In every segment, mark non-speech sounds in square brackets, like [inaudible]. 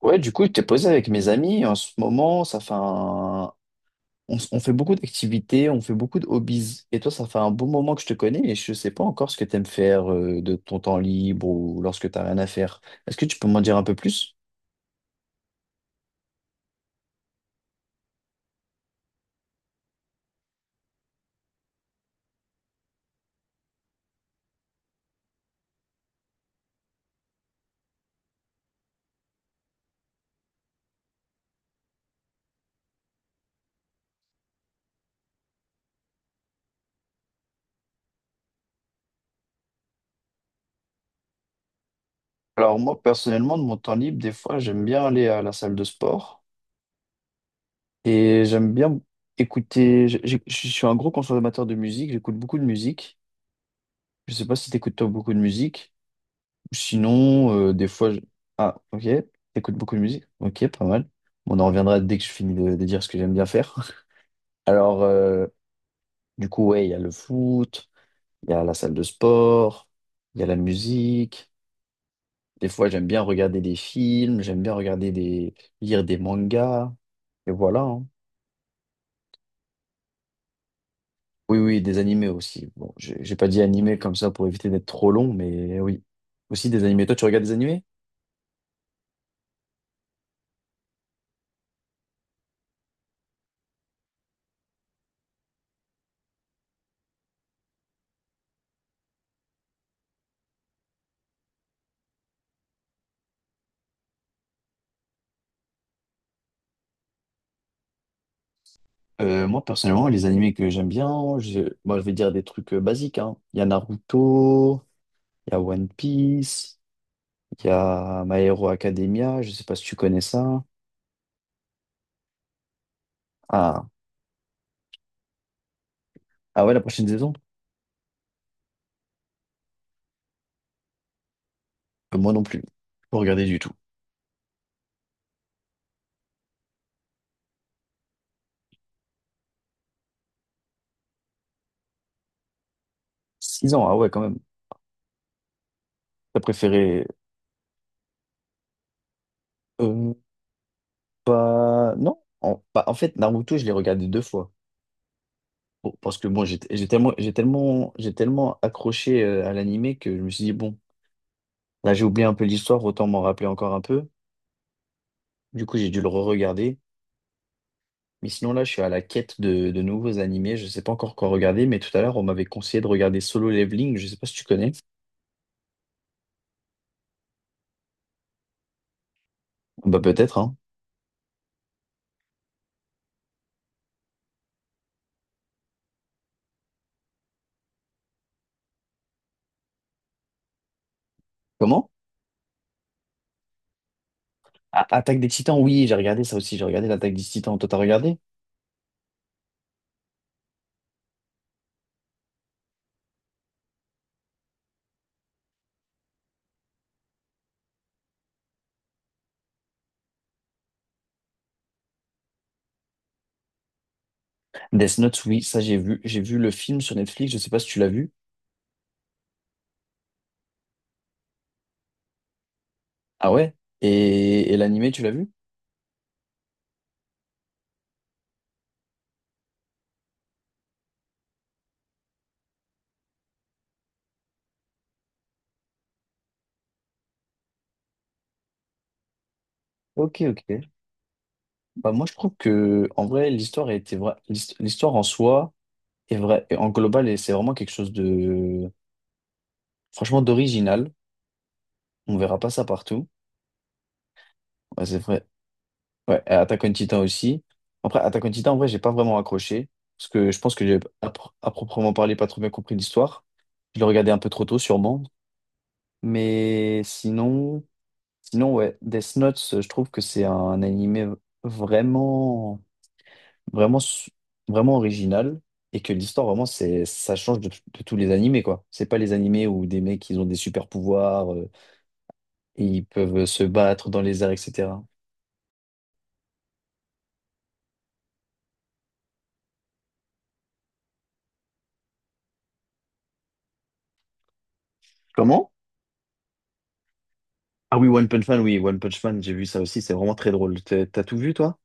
Ouais, du coup, je t'ai posé avec mes amis. En ce moment, on fait beaucoup d'activités, on fait beaucoup de hobbies. Et toi, ça fait un bon moment que je te connais et je ne sais pas encore ce que tu aimes faire de ton temps libre ou lorsque tu n'as rien à faire. Est-ce que tu peux m'en dire un peu plus? Alors moi, personnellement, de mon temps libre, des fois, j'aime bien aller à la salle de sport et j'aime bien écouter. Je suis un gros consommateur de musique, j'écoute beaucoup de musique. Je ne sais pas si t'écoutes toi beaucoup de musique. Sinon, des fois, ah, ok, t'écoutes beaucoup de musique, ok, pas mal. Bon, on en reviendra dès que je finis de dire ce que j'aime bien faire. [laughs] Alors, du coup, ouais, il y a le foot, il y a la salle de sport, il y a la musique. Des fois, j'aime bien regarder des films, j'aime bien regarder des, lire des mangas, et voilà, hein. Oui, oui, des animés aussi. Bon, j'ai pas dit animés comme ça pour éviter d'être trop long, mais oui, aussi des animés. Toi, tu regardes des animés? Moi, personnellement, les animés que j'aime bien, je, moi, je vais dire des trucs basiques, hein. Il y a Naruto, il y a One Piece, il y a My Hero Academia, je sais pas si tu connais ça. Ah, ah ouais, la prochaine saison? Moi non plus. Pas regardé du tout. 6 ans, ah ouais, quand même. T'as préféré... Euh, pas... Non. Bah, en fait, Naruto, je l'ai regardé deux fois. Bon, parce que bon, j'ai tellement accroché à l'animé que je me suis dit, bon, là, j'ai oublié un peu l'histoire, autant m'en rappeler encore un peu. Du coup, j'ai dû le re-regarder. Mais sinon, là, je suis à la quête de nouveaux animés. Je sais pas encore quoi regarder, mais tout à l'heure, on m'avait conseillé de regarder Solo Leveling. Je sais pas si tu connais. Bah, peut-être, hein. Comment? Attaque des Titans, oui, j'ai regardé ça aussi. J'ai regardé l'Attaque des Titans. Toi, t'as regardé? Death Note, oui, ça, j'ai vu. J'ai vu le film sur Netflix. Je sais pas si tu l'as vu. Ah ouais? Et l'animé, tu l'as vu? Ok, ok. Bah, moi, je trouve que, en vrai, l'histoire a été l'histoire en soi est vraie. Et en global, et c'est vraiment quelque chose de, franchement, d'original. On verra pas ça partout. Ouais, c'est vrai. Ouais, et Attack on Titan aussi. Après, Attack on Titan, en vrai, j'ai pas vraiment accroché. Parce que je pense que j'ai, à proprement parler, pas trop bien compris l'histoire. Je le regardais un peu trop tôt, sûrement. Mais sinon, ouais, Death Note, je trouve que c'est un animé vraiment, vraiment, su- vraiment original. Et que l'histoire, vraiment, ça change de tous les animés, quoi. C'est pas les animés où des mecs, ils ont des super pouvoirs, et ils peuvent se battre dans les airs, etc. Comment? Ah oui, One Punch Man, oui, One Punch Man, j'ai vu ça aussi, c'est vraiment très drôle. T'as tout vu, toi?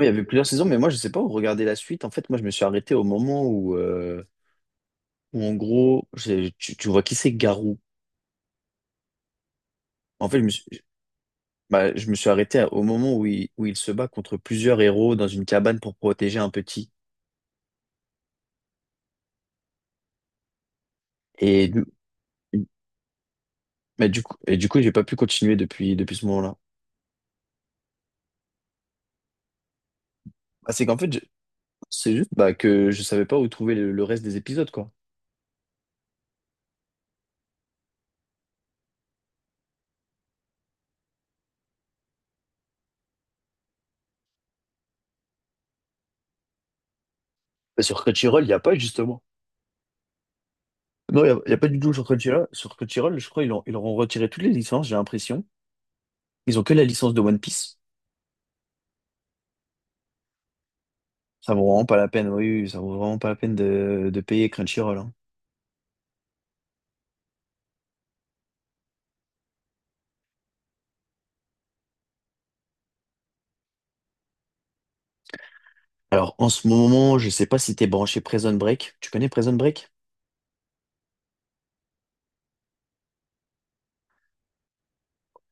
Oui, il y avait plusieurs saisons, mais moi, je sais pas où regarder la suite. En fait, moi, je me suis arrêté au moment où en gros, tu vois qui c'est Garou. En fait, je me suis arrêté au moment où il se bat contre plusieurs héros dans une cabane pour protéger un petit. Et du, et du coup, j'ai pas pu continuer depuis ce moment-là. Bah, c'est qu'en fait, c'est juste bah, que je savais pas où trouver le reste des épisodes, quoi. Bah, sur Crunchyroll, il n'y a pas, justement. Non, y a pas du tout sur Crunchyroll. Sur Crunchyroll, je crois qu'ils ont- ils leur ont retiré toutes les licences, j'ai l'impression. Ils ont que la licence de One Piece. Ça vaut vraiment pas la peine, oui, oui, ça vaut vraiment pas la peine de payer Crunchyroll, hein. Alors, en ce moment, je sais pas si t'es branché Prison Break. Tu connais Prison Break?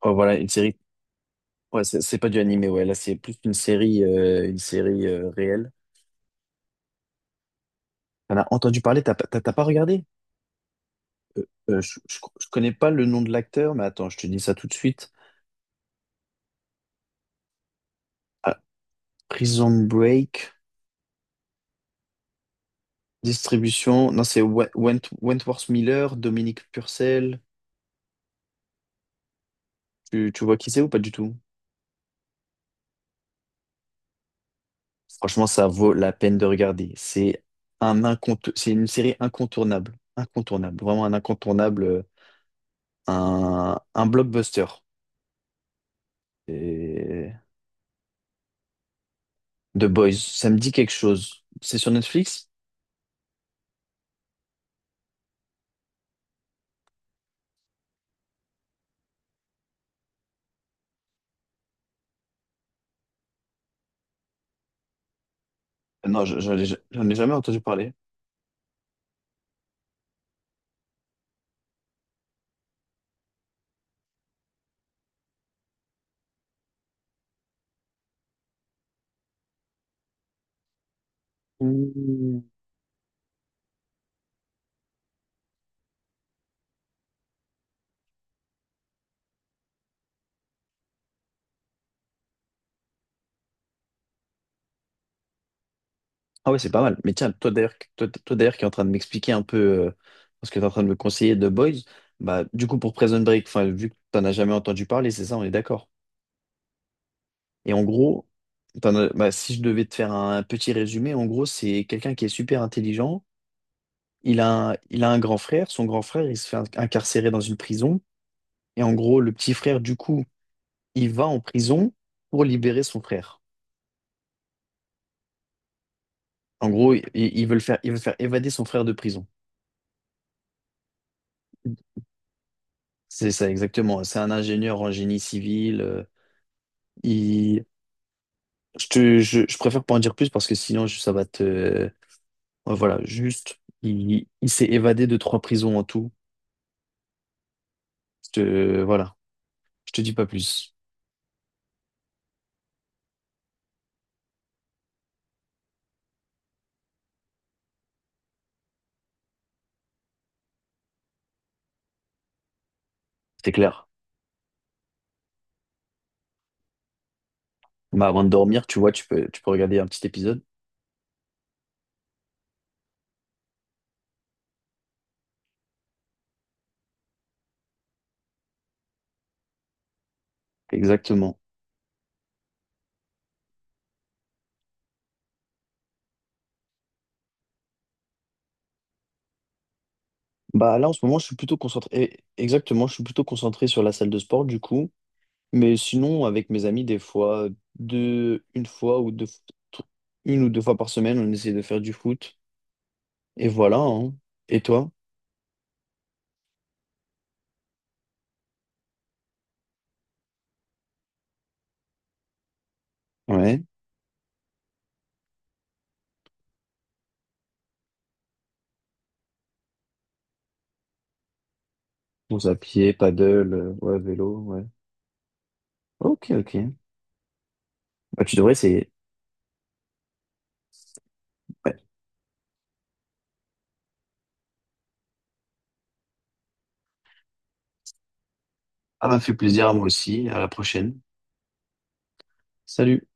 Oh, voilà, une série. Ouais, c'est pas du animé, ouais. Là, c'est plus une série réelle. T'en as entendu parler, t'as pas t'as- t'as pas regardé? Je connais pas le nom de l'acteur, mais attends, je te dis ça tout de suite. Ah, Prison Break. Distribution, non, c'est Wentworth Miller, Dominique Purcell. Tu vois qui c'est ou pas du tout? Franchement, ça vaut la peine de regarder. C'est une série incontournable. Incontournable. Vraiment un incontournable. Un blockbuster. Et... The Boys. Ça me dit quelque chose. C'est sur Netflix? Non, j'en ai jamais entendu parler. Hmm. Ah ouais, c'est pas mal. Mais tiens, toi d'ailleurs qui est en train de m'expliquer un peu euh, ce que tu es en train de me conseiller de Boys, bah du coup pour Prison Break, enfin vu que t'en as jamais entendu parler, c'est ça, on est d'accord. Et en gros, bah, si je devais te faire un petit résumé, en gros, c'est quelqu'un qui est super intelligent. Il a un grand frère. Son grand frère, il se fait incarcérer dans une prison. Et en gros, le petit frère, du coup, il va en prison pour libérer son frère. En gros, ils veulent faire évader son frère de prison. C'est ça, exactement. C'est un ingénieur en génie civil. Il... je préfère pas en dire plus parce que sinon, je- ça va te. Voilà, juste, il s'est évadé de trois prisons en tout. Voilà, je te dis pas plus. C'est clair. Bah, avant de dormir, tu vois, tu peux, regarder un petit épisode. Exactement. Bah là, en ce moment, je suis plutôt concentré. Exactement, je suis plutôt concentré sur la salle de sport, du coup. Mais sinon, avec mes amis, des fois, deux, une fois ou deux, une ou deux fois par semaine, on essaie de faire du foot. Et voilà, hein. Et toi? Ouais. Course à pied, paddle, ouais, vélo, ouais. Ok, ok. Bah, tu devrais essayer. Ouais. Ah, m'a fait plaisir à moi aussi. À la prochaine. Salut.